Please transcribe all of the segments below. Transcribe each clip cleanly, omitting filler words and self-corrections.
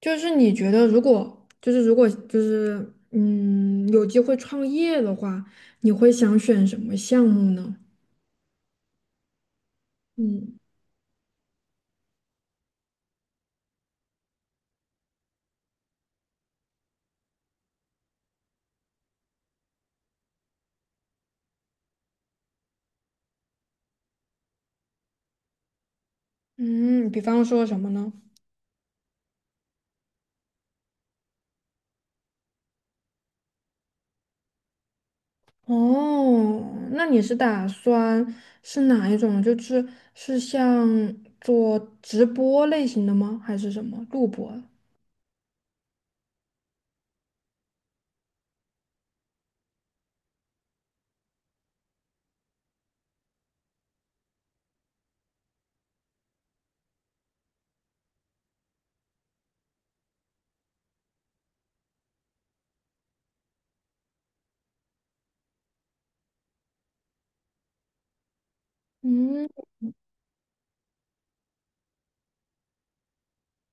就是你觉得，如果有机会创业的话，你会想选什么项目呢？嗯，嗯，比方说什么呢？哦，那你是打算是哪一种？就是像做直播类型的吗？还是什么录播？嗯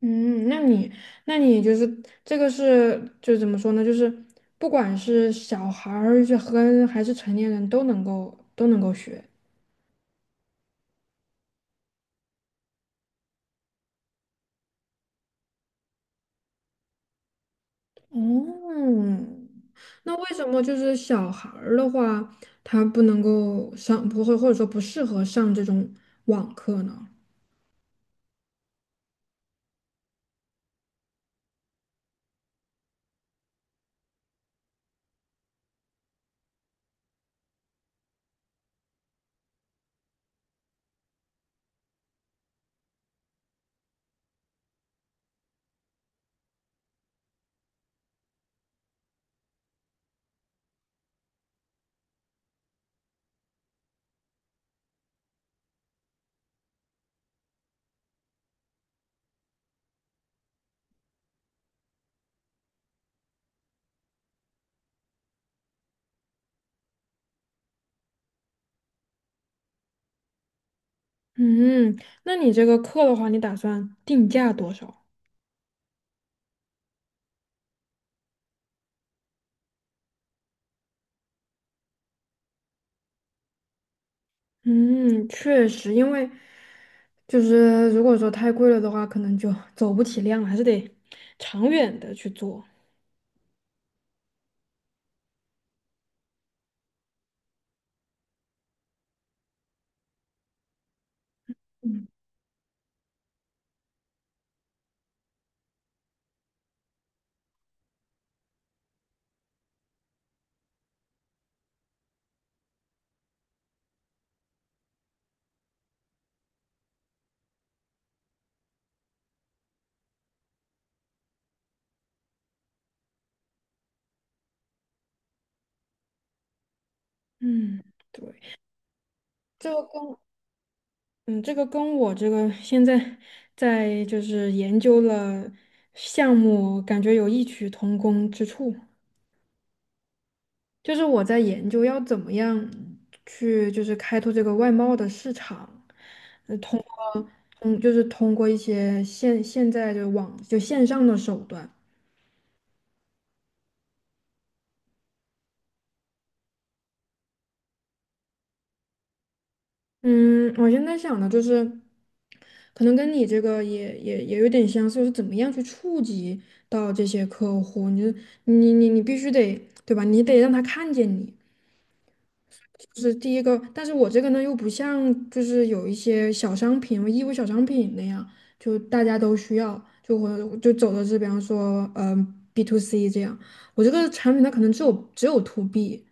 嗯，那你就是这个怎么说呢？就是不管是小孩儿还是成年人都能够学。嗯，那为什么就是小孩儿的话，他不能够上，不会或者说不适合上这种网课呢？嗯，那你这个课的话，你打算定价多少？嗯，确实，因为就是如果说太贵了的话，可能就 走不起量了，还是得长远的去做。嗯嗯，对，这个跟嗯，这个跟我这个现在在就是研究了项目，感觉有异曲同工之处。就是我在研究要怎么样去就是开拓这个外贸的市场，通通就是通过一些现在的线上的手段。嗯，我现在想的就是，可能跟你这个也有点相似，就是怎么样去触及到这些客户，你就你你你必须得对吧？你得让他看见你。就是第一个，但是我这个呢又不像就是有一些小商品、义乌小商品那样，就大家都需要，就我就走的是比方说，嗯，B to C 这样，我这个产品它可能只有 to B。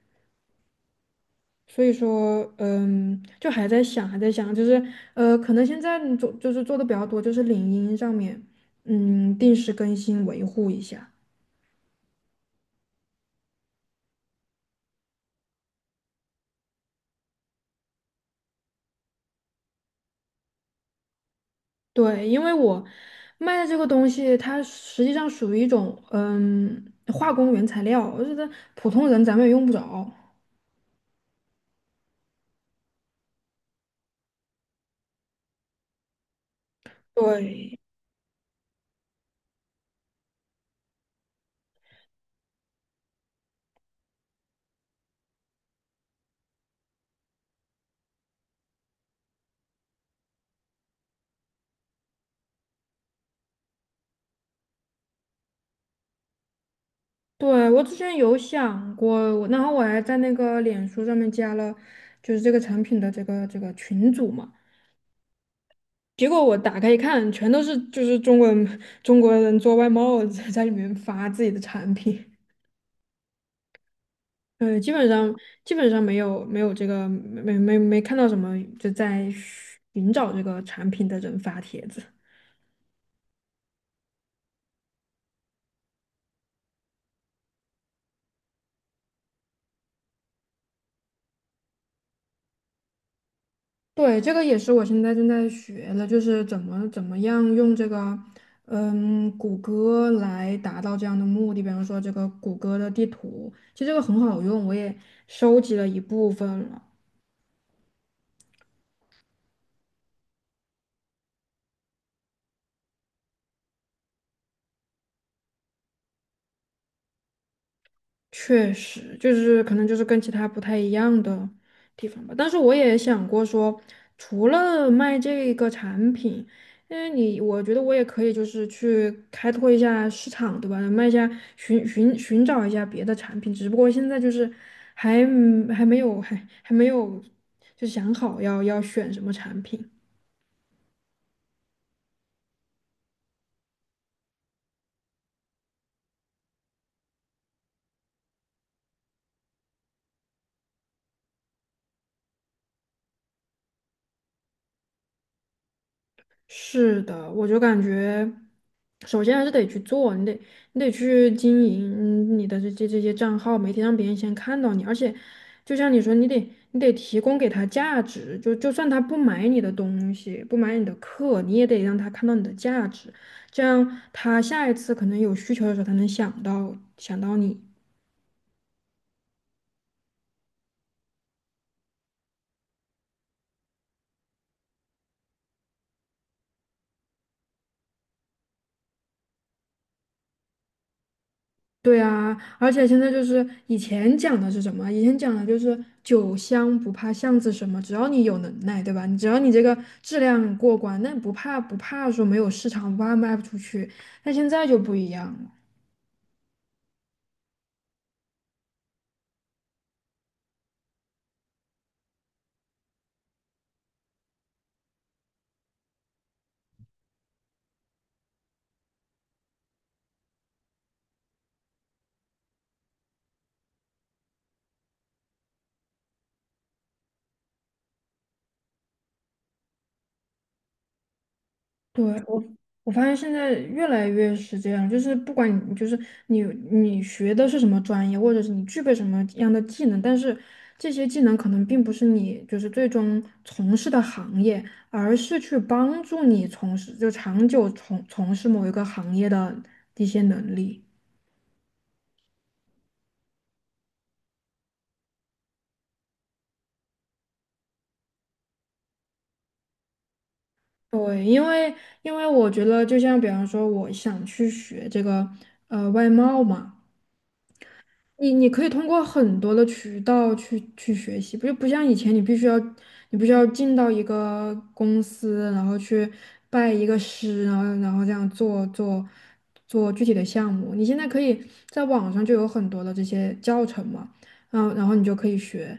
所以说，嗯，就还在想，还在想，就是可能现在做就是做的比较多，就是领英上面，嗯，定时更新维护一下。对，因为我卖的这个东西，它实际上属于一种化工原材料，我觉得普通人咱们也用不着。对，对，我之前有想过，然后我还在那个脸书上面加了，就是这个产品的这个群组嘛。结果我打开一看，全都是就是中国人做外贸在里面发自己的产品。对，基本上没有没有这个没没没看到什么就在寻找这个产品的人发帖子。对，这个也是我现在正在学的，就是怎么样用这个谷歌来达到这样的目的。比方说这个谷歌的地图，其实这个很好用，我也收集了一部分了。确实，就是可能就是跟其他不太一样的地方吧。但是我也想过说，除了卖这个产品，因为你，我觉得我也可以就是去开拓一下市场，对吧？卖一下，寻找一下别的产品。只不过现在就是还还没有还还没有就想好要选什么产品。是的，我就感觉，首先还是得去做，你得去经营你的这些账号，媒体让别人先看到你，而且就像你说，你得提供给他价值，就算他不买你的东西，不买你的课，你也得让他看到你的价值，这样他下一次可能有需求的时候，他能想到你。对啊，而且现在就是以前讲的是什么？以前讲的就是酒香不怕巷子深嘛，只要你有能耐，对吧？你只要你这个质量过关，那不怕说没有市场，不怕卖不出去。但现在就不一样了。对，我发现现在越来越是这样，就是不管你就是你你学的是什么专业，或者是你具备什么样的技能，但是这些技能可能并不是你就是最终从事的行业，而是去帮助你从事就长久从事某一个行业的一些能力。对，因为我觉得，就像比方说，我想去学这个外贸嘛。你可以通过很多的渠道去学习，不像以前你必须要进到一个公司，然后去拜一个师，然后这样做具体的项目。你现在可以在网上就有很多的这些教程嘛，嗯，然后你就可以学。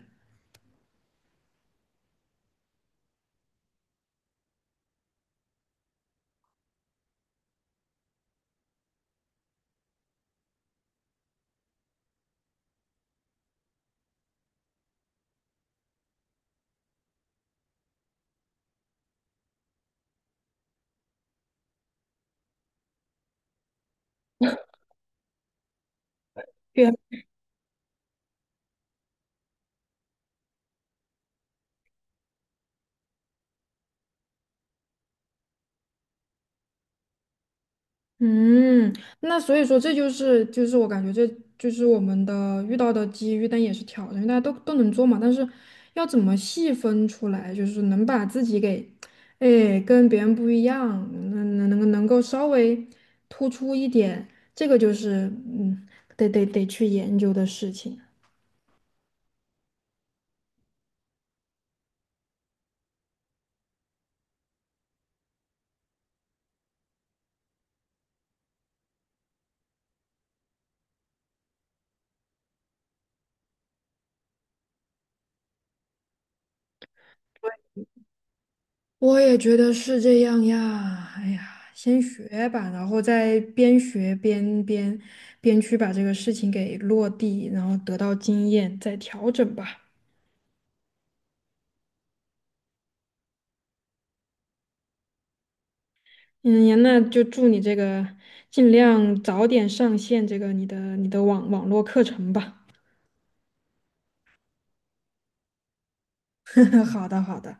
嗯，那所以说这就是我感觉这就是我们的遇到的机遇，但也是挑战，因为大家都能做嘛，但是要怎么细分出来，就是能把自己给，哎，跟别人不一样，能够稍微突出一点，这个就是得去研究的事情。我也觉得是这样呀。哎呀，先学吧，然后再边学边去把这个事情给落地，然后得到经验，再调整吧。嗯呀，那就祝你这个尽量早点上线这个你的网络课程吧。好的，好的。